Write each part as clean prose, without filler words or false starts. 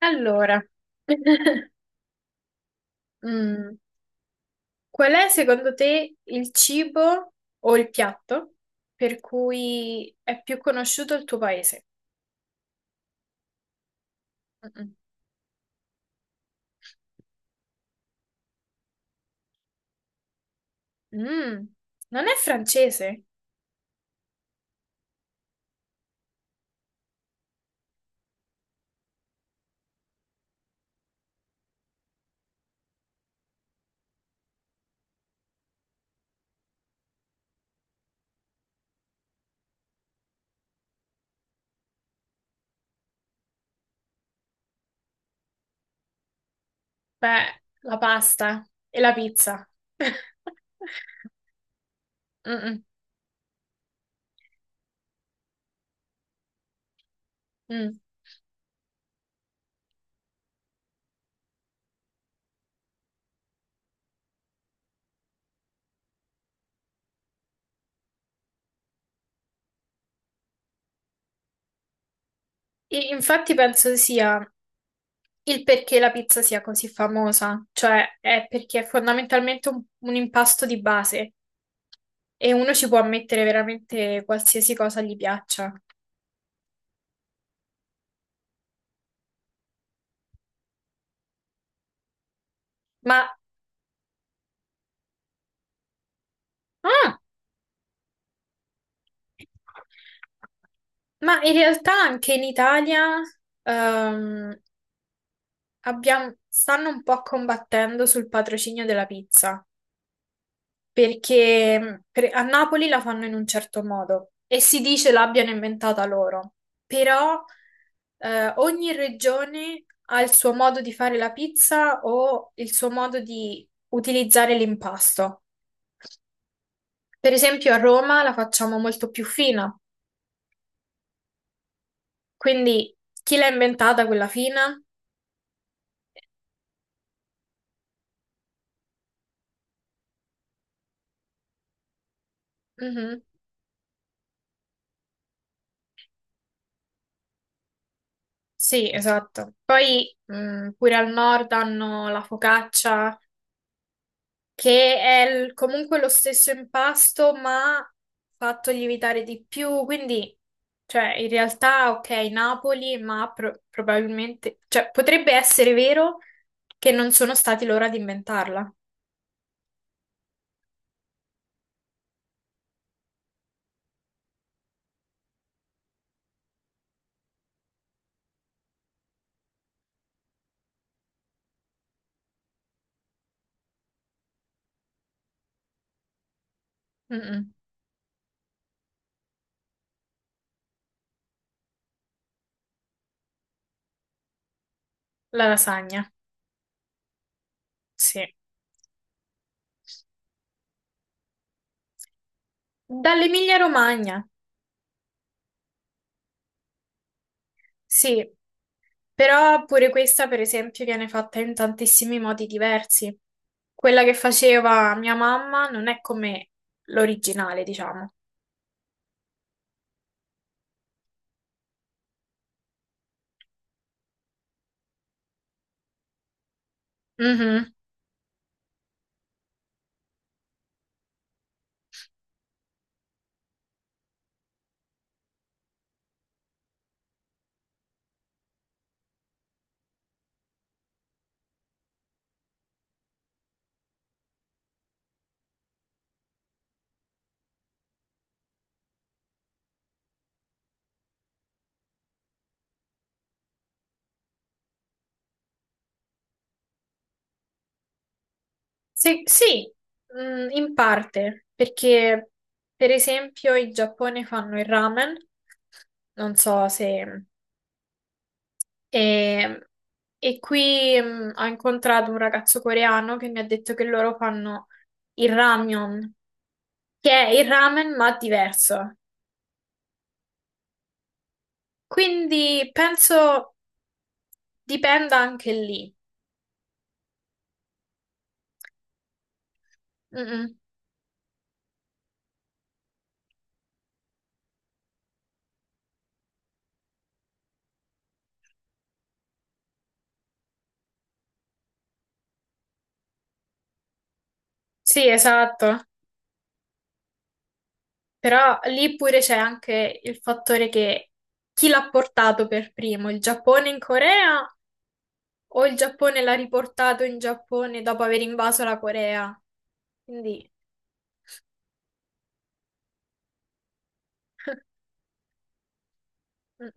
Allora, mm, qual è secondo te il cibo o il piatto per cui è più conosciuto il tuo paese? Mm-mm. Mm, non è francese? Beh, la pasta e la pizza. Mm-mm. Mm. E infatti penso sia il perché la pizza sia così famosa, cioè è perché è fondamentalmente un impasto di base e uno ci può mettere veramente qualsiasi cosa gli piaccia. Ma, ah, ma in realtà anche in Italia ehm, stanno un po' combattendo sul patrocinio della pizza. Perché a Napoli la fanno in un certo modo e si dice l'abbiano inventata loro, però ogni regione ha il suo modo di fare la pizza o il suo modo di utilizzare l'impasto. Per esempio a Roma la facciamo molto più fina, quindi chi l'ha inventata quella fina? Mhm. Sì, esatto. Poi pure al nord hanno la focaccia che comunque lo stesso impasto, ma fatto lievitare di più, quindi cioè, in realtà, ok, Napoli, ma probabilmente, cioè, potrebbe essere vero che non sono stati loro ad inventarla. Mm-mm. La lasagna, sì. Dall'Emilia-Romagna, sì. Però pure questa, per esempio, viene fatta in tantissimi modi diversi. Quella che faceva mia mamma non è come l'originale, diciamo. Mhm. Sì, sì, mm, in parte, perché per esempio in Giappone fanno il ramen, non so se... E, e qui ho incontrato un ragazzo coreano che mi ha detto che loro fanno il ramyeon, che è il ramen ma diverso. Quindi penso dipenda anche lì. Mm, mm. Sì, esatto. Però lì pure c'è anche il fattore che chi l'ha portato per primo, il Giappone in Corea o il Giappone l'ha riportato in Giappone dopo aver invaso la Corea? Quindi, mm.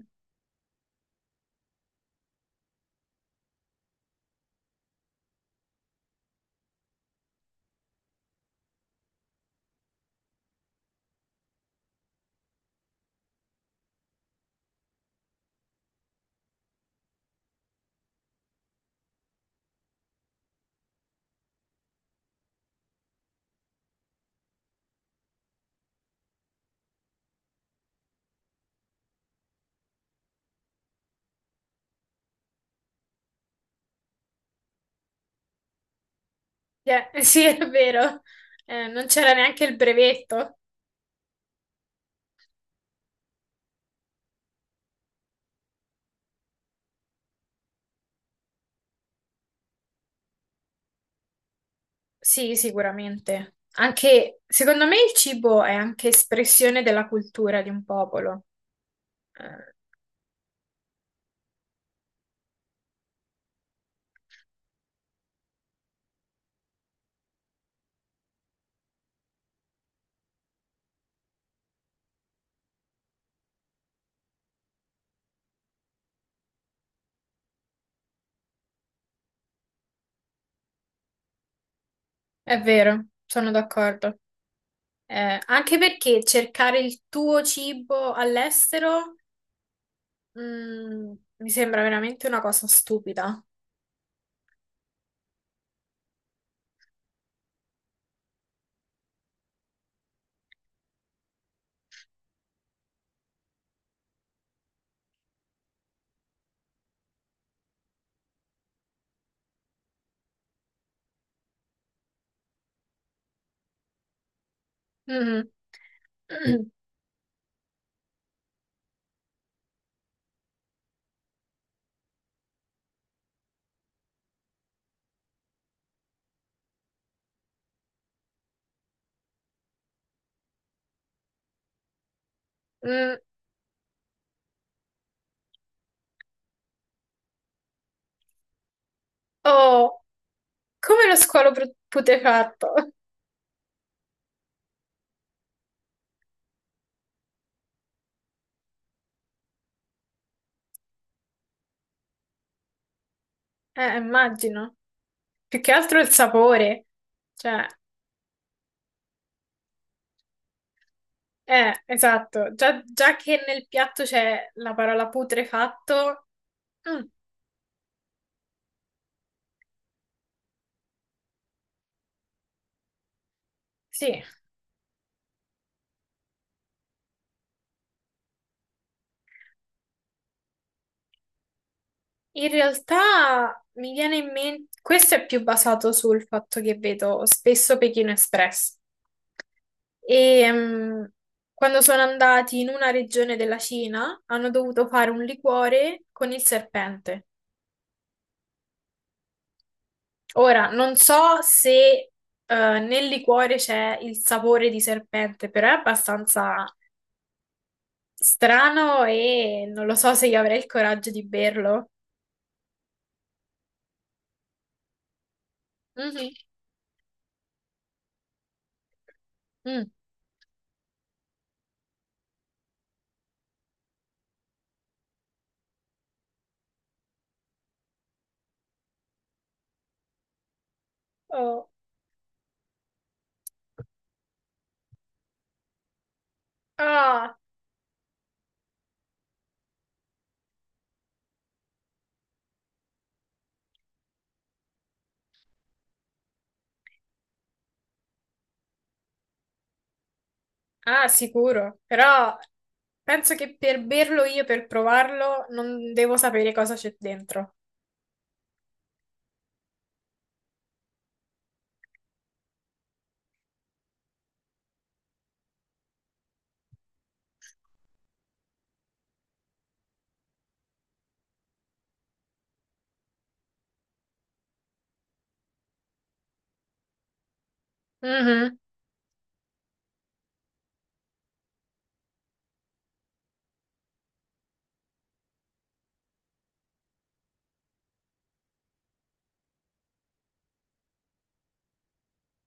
Cioè, sì, è vero, eh, non c'era neanche il brevetto. Sì, sicuramente. Anche, secondo me, il cibo è anche espressione della cultura di un popolo. Eh, è vero, sono d'accordo. Anche perché cercare il tuo cibo all'estero, mm, mi sembra veramente una cosa stupida. Mm. Mm. Mm. Oh, come lo squalo putrefatto? Immagino. Più che altro il sapore. Cioè, esatto. Già, già che nel piatto c'è la parola putrefatto, mm, sì. In realtà mi viene in mente, questo è più basato sul fatto che vedo spesso Pechino Express. E quando sono andati in una regione della Cina hanno dovuto fare un liquore con il serpente. Ora, non so se nel liquore c'è il sapore di serpente, però è abbastanza strano e non lo so se io avrei il coraggio di berlo. Mhm. Mm. Oh. Ah. Ah, sicuro, però penso che per berlo io, per provarlo, non devo sapere cosa c'è dentro. Mhm,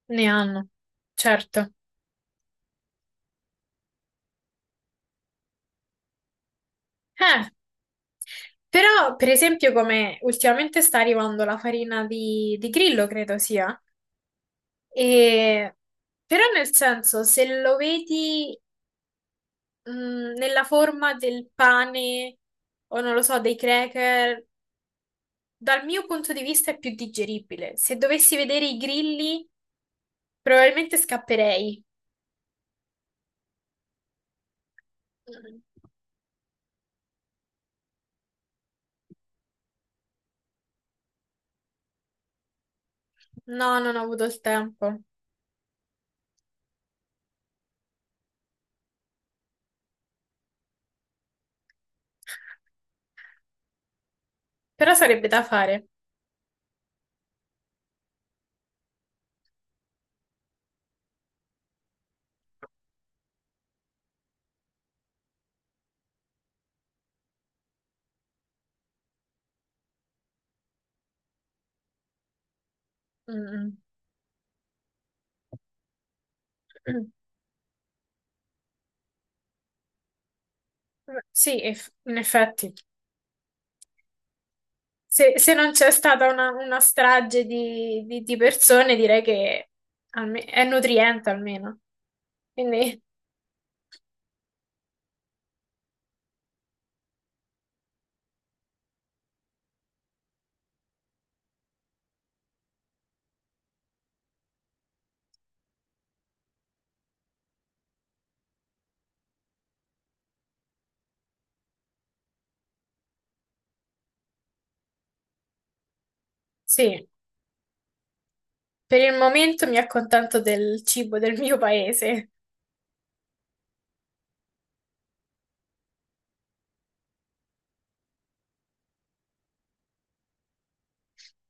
ne hanno, certo. Eh, però, per esempio, come ultimamente sta arrivando la farina di grillo, credo sia, e... Però nel senso, se lo vedi nella forma del pane o non lo so, dei cracker, dal mio punto di vista è più digeribile. Se dovessi vedere i grilli... Probabilmente scapperei. Mm. No, non ho avuto il tempo. Però sarebbe da fare. Mm. Mm. Sì, in effetti. Se, se non c'è stata una strage di, di persone, direi che è nutriente almeno. Quindi, sì, per il momento mi accontento del cibo del mio paese.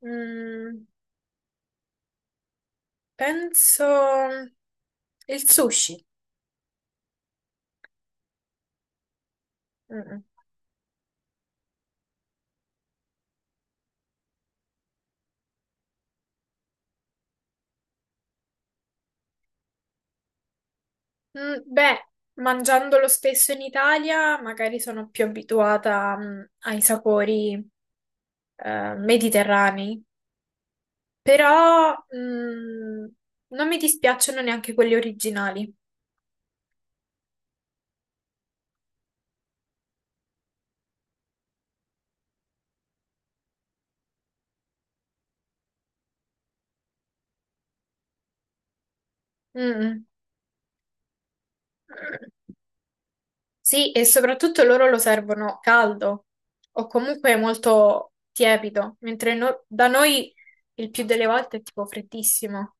Mm, penso il sushi. Mm. Beh, mangiandolo spesso in Italia, magari sono più abituata, ai sapori, mediterranei, però, non mi dispiacciono neanche quelli originali. Mm. Sì, e soprattutto loro lo servono caldo o comunque molto tiepido, mentre da noi il più delle volte è tipo freddissimo.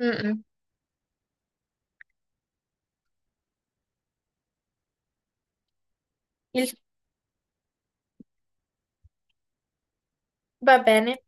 Mm-mm. Il- Va bene.